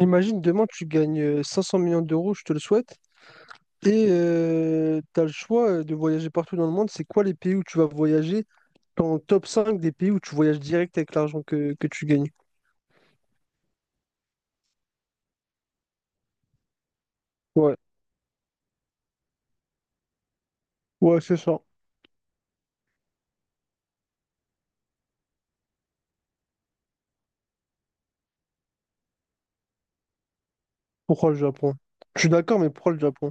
Imagine demain tu gagnes 500 millions d'euros, je te le souhaite, et tu as le choix de voyager partout dans le monde. C'est quoi les pays où tu vas voyager? Ton top 5 des pays où tu voyages direct avec l'argent que tu gagnes. Ouais, ouais, c'est ça. Pourquoi le Japon? Je suis d'accord, mais pourquoi le Japon?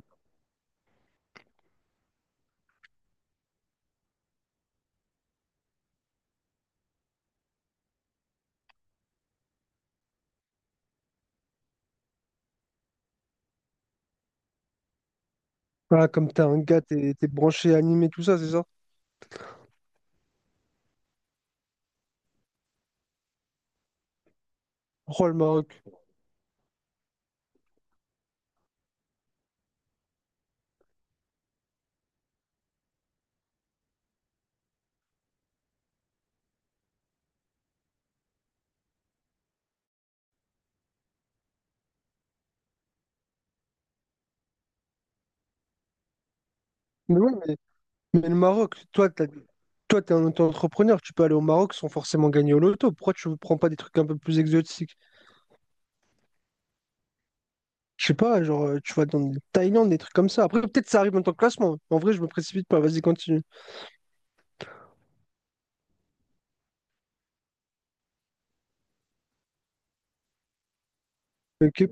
Voilà, comme t'es un gars, t'es branché, animé, tout ça, c'est ça? Pourquoi le Maroc? Mais ouais, mais le Maroc, toi, toi, t'es un auto-entrepreneur, tu peux aller au Maroc sans forcément gagner au loto. Pourquoi tu ne prends pas des trucs un peu plus exotiques? Je sais pas, genre, tu vois, dans le Thaïlande, des trucs comme ça. Après, peut-être ça arrive en tant que classement. En vrai, je me précipite pas. Vas-y, continue. Ok.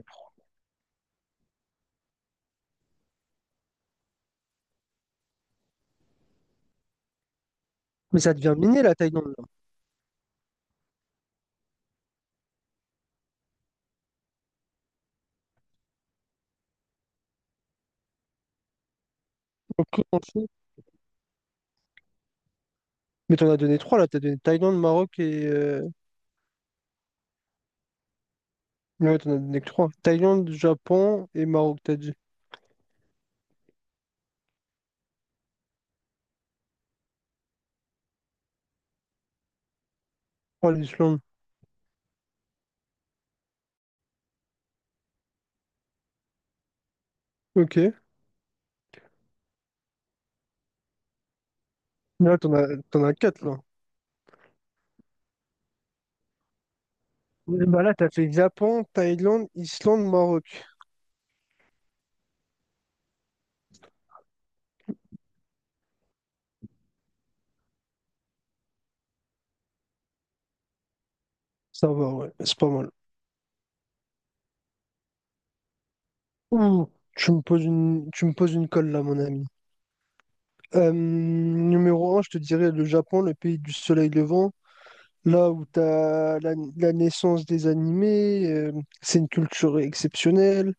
Mais ça devient miné, la Thaïlande. Là. Ok, on le fait. Mais t'en as donné trois, là. T'as donné Thaïlande, Maroc et... Ouais, t'en as donné que trois. Thaïlande, Japon et Maroc, t'as dit. Oh, l'Islande. Ok. Mais là, t'en as quatre, là. Et bah là, t'as fait Japon, Thaïlande, Islande, Maroc. Ça va, ouais. C'est pas mal. Ouh, tu me poses une... tu me poses une colle, là, mon ami. Numéro un, je te dirais le Japon, le pays du soleil levant. Là où tu as la naissance des animés, c'est une culture exceptionnelle,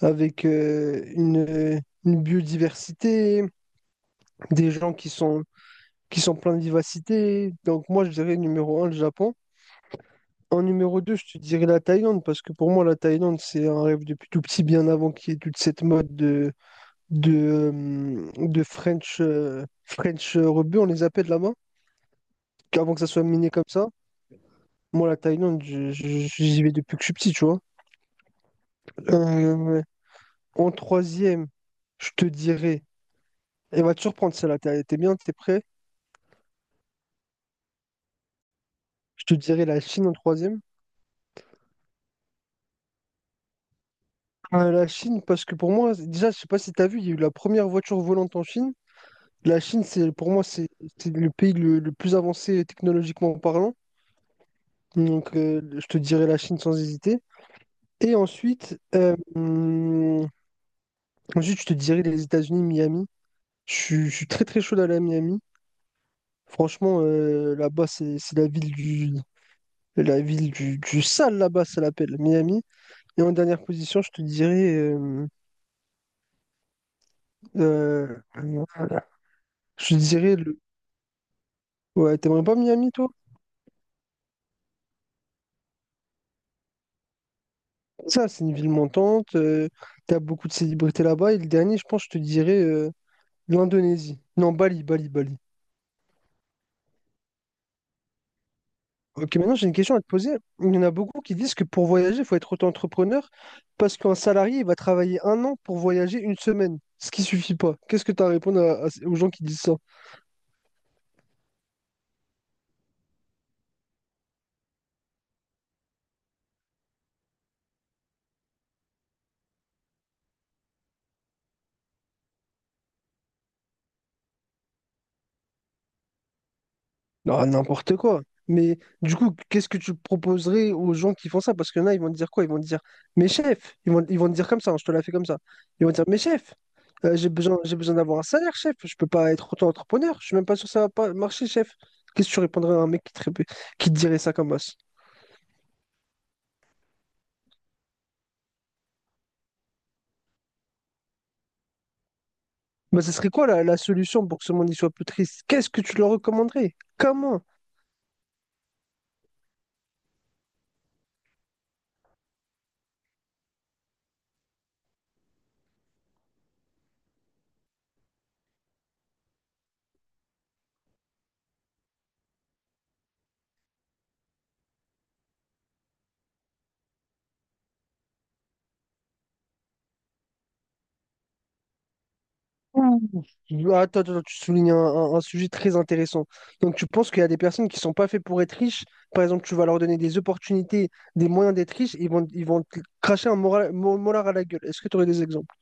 avec une biodiversité, des gens qui sont pleins de vivacité. Donc moi, je dirais numéro un, le Japon. En numéro 2 je te dirais la Thaïlande, parce que pour moi, la Thaïlande, c'est un rêve depuis tout petit, bien avant qu'il y ait toute cette mode de French, French rebut, on les appelle là-bas, avant que ça soit miné comme ça. Moi, la Thaïlande, j'y vais depuis que je suis petit, tu vois. Euh, en troisième, je te dirais, elle va te surprendre celle-là, t'es bien, t'es prêt? Je te dirais la Chine en troisième. La Chine, parce que pour moi, déjà, je sais pas si t'as vu, il y a eu la première voiture volante en Chine. La Chine, c'est le pays le plus avancé technologiquement parlant. Donc, je te dirais la Chine sans hésiter. Et ensuite, ensuite, je te dirais les États-Unis, Miami. Je suis très très chaud d'aller à Miami. Franchement, là-bas, c'est la ville du, la ville du sale là-bas, ça l'appelle Miami. Et en dernière position, je te dirais. Euh, voilà. Je te dirais. Le... Ouais, t'aimerais pas Miami, toi? Ça, c'est une ville montante. T'as beaucoup de célébrités là-bas. Et le dernier, je pense, je te dirais l'Indonésie. Non, Bali, Bali, Bali. Ok, maintenant, j'ai une question à te poser. Il y en a beaucoup qui disent que pour voyager, il faut être auto-entrepreneur parce qu'un salarié, il va travailler un an pour voyager une semaine, ce qui suffit pas. Qu'est-ce que tu as à répondre aux gens qui disent ça? Ah, n'importe quoi. Mais du coup, qu'est-ce que tu proposerais aux gens qui font ça? Parce qu'il y en a, ils vont te dire quoi? Ils vont te dire, mes chefs, ils vont te dire comme ça, hein, je te la fais comme ça. Ils vont te dire, mes chefs, j'ai besoin d'avoir un salaire, chef. Je peux pas être auto-entrepreneur. Je suis même pas sûr que ça va pas marcher, chef. Qu'est-ce que tu répondrais à un mec qui te dirait ça comme os? Bah, ce serait quoi la solution pour que ce monde y soit plus triste? Qu'est-ce que tu leur recommanderais? Comment? Attends, attends, tu soulignes un sujet très intéressant. Donc, tu penses qu'il y a des personnes qui sont pas faites pour être riches. Par exemple, tu vas leur donner des opportunités, des moyens d'être riches, ils vont te cracher un molar à la gueule. Est-ce que tu aurais des exemples?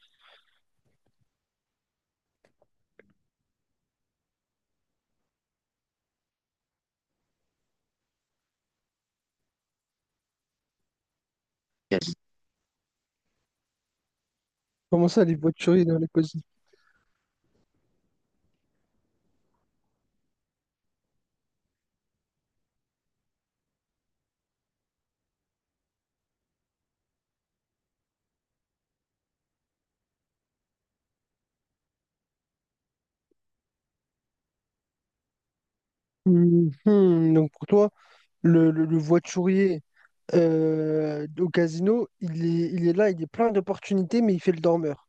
Comment ça, les voituriers dans les causes? Donc, pour toi, le voiturier au casino, il est là, il est plein d'opportunités, mais il fait le dormeur.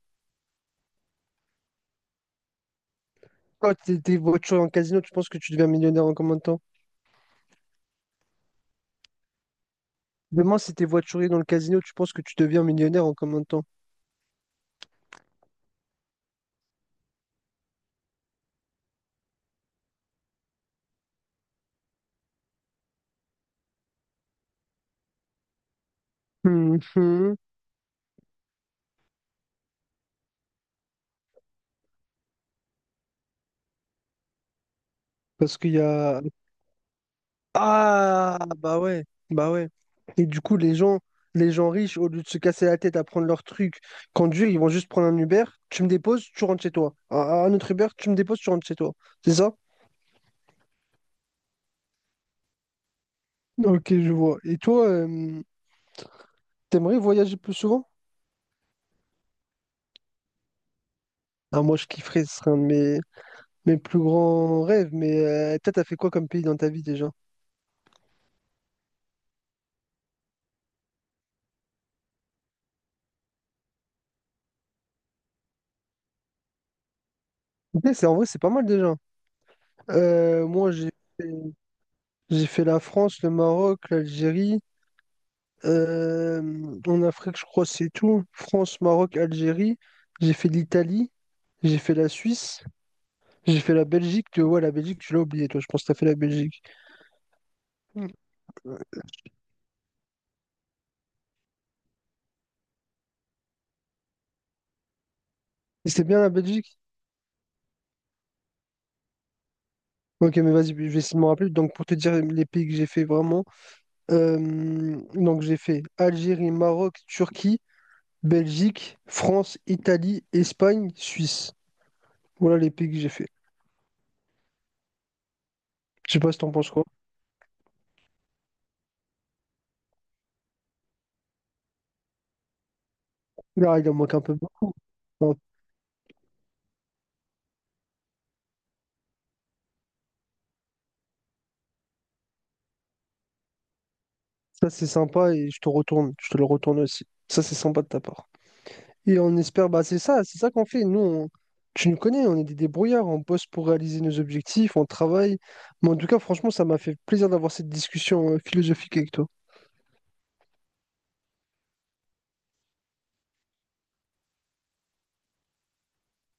Quand tu étais voiturier en casino, tu penses que tu deviens millionnaire en combien de temps? Demain, si t'es voiturier dans le casino, tu penses que tu deviens millionnaire en combien de temps? Hum, hum. Parce qu'il y a... Ah, bah ouais, bah ouais. Et du coup, les gens riches, au lieu de se casser la tête à prendre leur truc, conduire, ils vont juste prendre un Uber, tu me déposes, tu rentres chez toi. Un autre Uber, tu me déposes, tu rentres chez toi. C'est ça? Ok, je vois. Et toi, t'aimerais voyager plus souvent? Ah, moi, je kifferais, ce serait un de mes... Mes plus grands rêves, mais toi, t'as fait quoi comme pays dans ta vie déjà? Ok, c'est en vrai, c'est pas mal déjà. Moi, fait, j'ai fait la France, le Maroc, l'Algérie. euh, En Afrique, je crois, c'est tout. France, Maroc, Algérie. J'ai fait l'Italie. J'ai fait la Suisse. J'ai fait la Belgique. Tu vois, la Belgique, tu l'as oublié, toi. Je pense que t'as fait la Belgique. Mm. Et c'est bien la Belgique? Ok, mais vas-y, je vais essayer de me rappeler. Donc, pour te dire les pays que j'ai fait vraiment, donc j'ai fait Algérie, Maroc, Turquie. Belgique, France, Italie, Espagne, Suisse. Voilà les pays que j'ai fait. Je sais pas si t'en penses quoi. Là, il en manque un peu beaucoup. Bon, ça, c'est sympa et je te retourne. Je te le retourne aussi. Ça, c'est sympa de ta part. Et on espère, bah, c'est ça qu'on fait. Nous, tu nous connais, on est des débrouillards. On bosse pour réaliser nos objectifs, on travaille. Mais en tout cas, franchement, ça m'a fait plaisir d'avoir cette discussion philosophique avec toi.